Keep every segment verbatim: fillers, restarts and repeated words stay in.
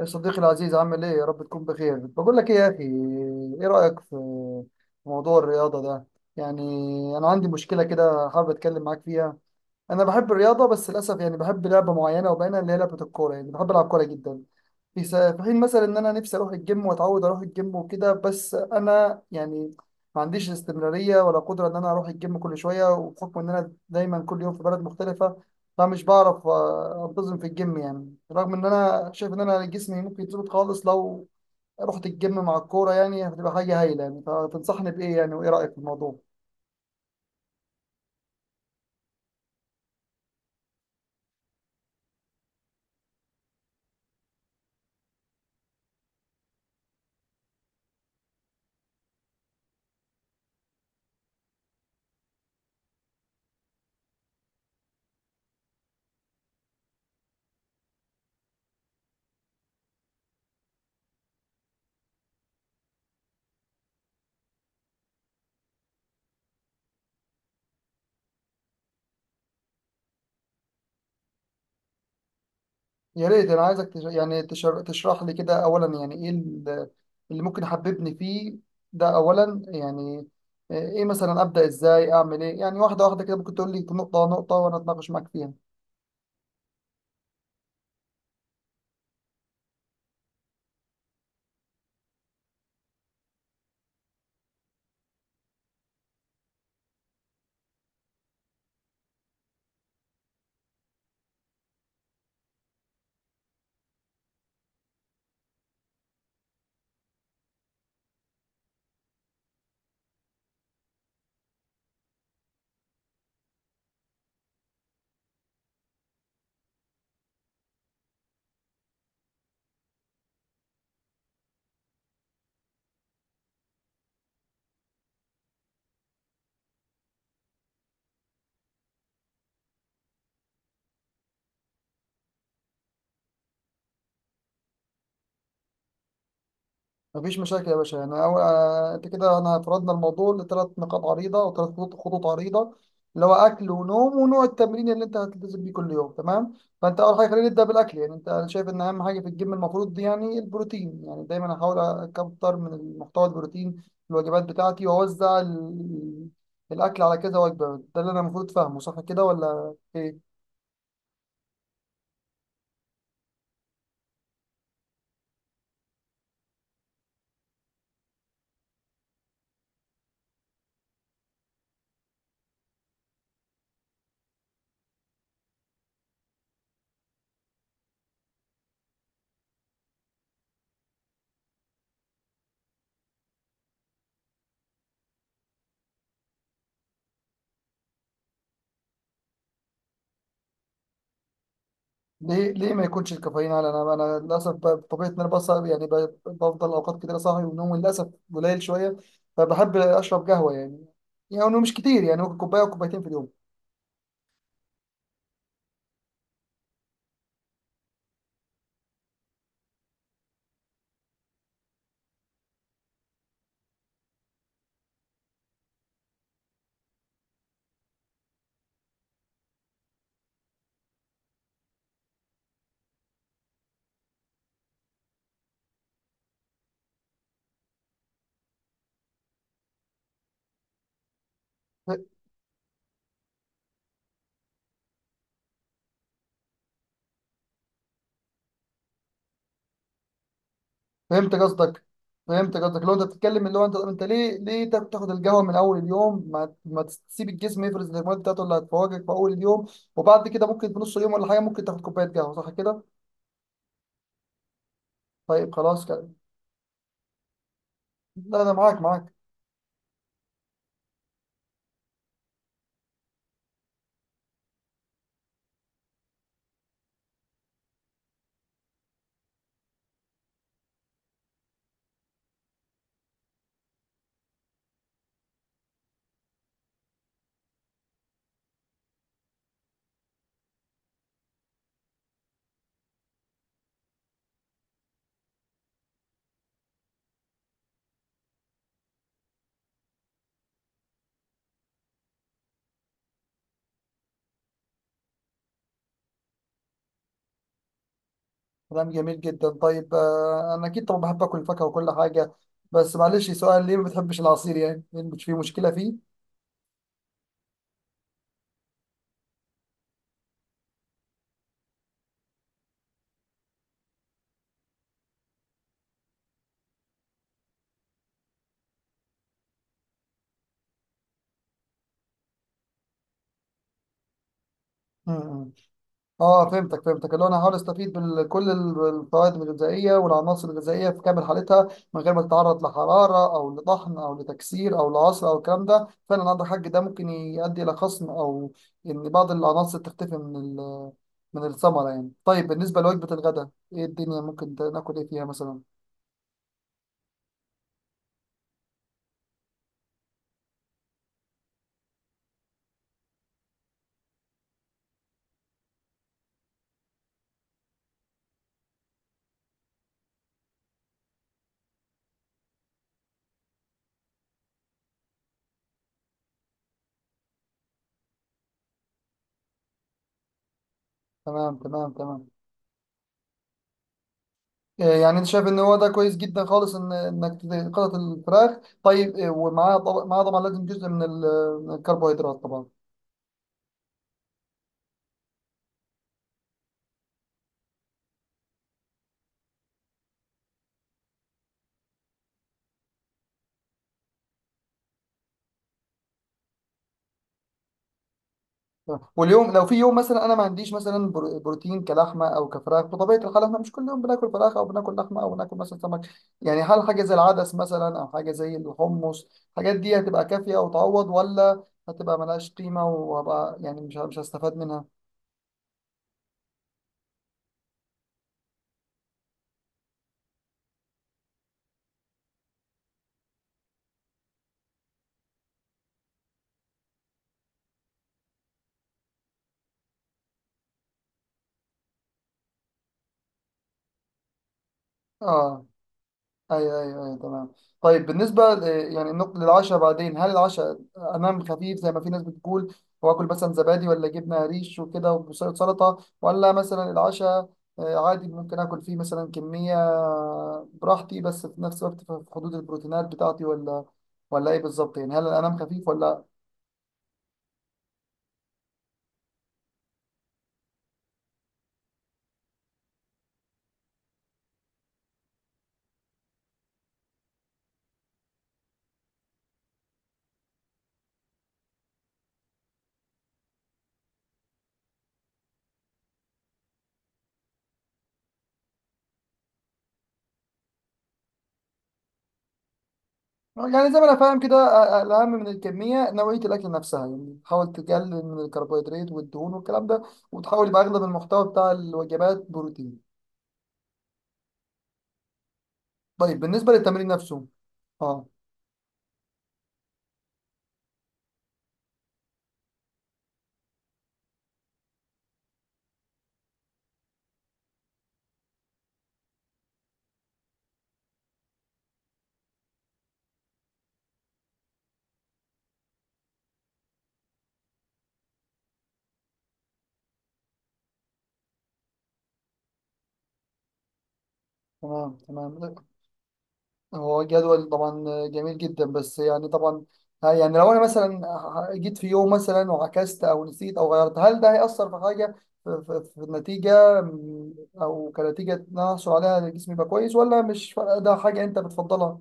يا صديقي العزيز، عامل ايه؟ يا رب تكون بخير. بقول لك ايه يا اخي، ايه رأيك في في موضوع الرياضة ده؟ يعني انا عندي مشكلة كده، حابب اتكلم معاك فيها. انا بحب الرياضة بس للاسف يعني بحب لعبة معينة وبينها اللي هي لعبة الكورة، يعني بحب العب كورة جدا. في س- في حين مثلا ان انا نفسي اروح الجيم واتعود اروح الجيم وكده، بس انا يعني ما عنديش استمراريه ولا قدره ان انا اروح الجيم كل شويه، وبحكم ان انا دايما كل يوم في بلد مختلفه، فمش بعرف آه، انتظم في الجيم يعني، رغم ان انا شايف ان انا جسمي ممكن يتظبط خالص لو رحت الجيم مع الكوره، يعني هتبقى حاجه هايله يعني. فتنصحني بايه يعني؟ وايه رايك في الموضوع؟ يا ريت، انا عايزك تش... يعني تشر... تشرح لي كده اولا، يعني ايه ال- اللي ممكن يحببني فيه ده اولا. يعني ايه مثلا ابدا؟ ازاي اعمل ايه؟ يعني واحده واحده كده ممكن تقول لي نقطه نقطه وانا اتناقش معاك فيها. مفيش مشاكل يا باشا. يعني أول آه، أنت كده أنا فرضنا الموضوع لثلاث نقاط عريضة، أو ثلاث خطوط خطوط عريضة، اللي هو أكل ونوم ونوع التمرين اللي أنت هتلتزم بيه كل يوم، تمام. فأنت أول حاجة خلينا نبدأ بالأكل. يعني أنت أنا شايف إن أهم حاجة في الجيم المفروض دي يعني البروتين، يعني دايما أحاول أكتر من المحتوى البروتين في الوجبات بتاعتي وأوزع ال- الأكل على كذا وجبة. ده اللي أنا المفروض فاهمه، صح كده ولا إيه؟ ليه ليه ما يكونش الكافيين على، انا انا للاسف ب- بطبيعه ان انا بصعب يعني، ب- بفضل اوقات كتير صاحي، ونومي للاسف قليل شويه. فبحب اشرب قهوه يعني، يعني إنه مش كتير، يعني ممكن كوبايه او كوبايتين في اليوم. ف- فهمت قصدك. فهمت قصدك لو انت بتتكلم اللي هو انت، انت ليه ليه تاخد تاخد القهوه من اول اليوم؟ ما ما تسيب الجسم يفرز الهرمونات بتاعته اللي هتفوقك في اول اليوم، وبعد كده ممكن في نص اليوم ولا حاجه ممكن تاخد كوبايه قهوه. صح كده؟ طيب خلاص كده. لا، انا معاك معاك كلام جميل جدا. طيب آه، انا اكيد طبعا بحب اكل فاكهه وكل حاجه، بس معلش سؤال، ليه ما بتحبش العصير يعني؟ مش في مشكله فيه. امم اه، فهمتك. فهمتك اللي هو انا هحاول استفيد بكل الفوائد الغذائيه والعناصر الغذائيه في كامل حالتها من غير ما تتعرض لحراره او لطحن او لتكسير او لعصر او الكلام ده. فعلا عندك حق، ده ممكن يؤدي الى خصم او ان بعض العناصر تختفي من ال- من الثمره يعني. طيب بالنسبه لوجبه الغداء، ايه الدنيا؟ ممكن ناكل ايه فيها مثلا؟ تمام تمام تمام. إيه، يعني انت شايف ان هو ده كويس جدا خالص، ان انك ت- قطعة الفراخ. طيب إيه، ومعاها طبعا، معاها طبعا لازم جزء من ال- من الكربوهيدرات طبعا. واليوم لو في يوم مثلا انا ما عنديش مثلا برو- بروتين كلحمه او كفراخ، بطبيعه الحال احنا مش كل يوم بناكل فراخ او بناكل لحمه او بناكل مثلا سمك. يعني هل حاجه زي العدس مثلا او حاجه زي الحمص، الحاجات دي هتبقى كافيه وتعوض، ولا هتبقى ملهاش قيمه وهبقى يعني مش مش هستفاد منها؟ اه، ايوه ايوه ايوه، تمام. طيب بالنسبه ل- يعني النقطه للعشاء بعدين، هل العشاء انام خفيف زي ما في ناس بتقول، واكل مثلا زبادي ولا جبنه قريش وكده وسلطه، ولا مثلا العشاء آه، عادي ممكن اكل فيه مثلا كميه براحتي بس في نفس الوقت في حدود البروتينات بتاعتي؟ ولا، ولا ايه بالظبط يعني؟ هل انام خفيف ولا؟ يعني زي ما انا فاهم كده، آه، آه، الاهم من الكميه نوعيه الاكل نفسها، يعني تحاول تقلل من الكربوهيدرات والدهون والكلام ده، وتحاول يبقى اغلب المحتوى بتاع الوجبات بروتين. طيب بالنسبة للتمرين نفسه. اه. تمام تمام. هو جدول طبعا جميل جدا، بس يعني طبعا ه- يعني لو انا مثلا جيت في يوم مثلا وعكست او نسيت او غيرت، هل ده هيأثر في حاجة في, في, في النتيجة م، او كنتيجة إن أنا احصل عليها جسمي يبقى كويس، ولا مش فارقة؟ ده حاجة انت بتفضلها.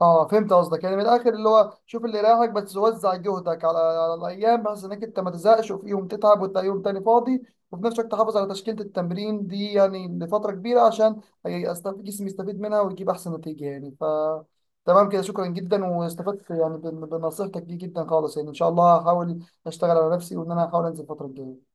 اه، فهمت قصدك. يعني من الاخر اللي هو شوف اللي يريحك، بس وزع جهدك على, على الايام بحيث انك انت ما تزهقش، وفي يوم تتعب وتلاقي يوم تاني فاضي، وفي نفس الوقت تحافظ على تشكيله التمرين دي يعني لفتره كبيره عشان يستفيد جسمي، يستفيد منها ويجيب احسن نتيجه يعني. ف، تمام كده. شكرا جدا، واستفدت يعني بن- بنصيحتك دي جدا خالص، يعني ان شاء الله هحاول اشتغل على نفسي، وان انا هحاول انزل الفتره الجايه.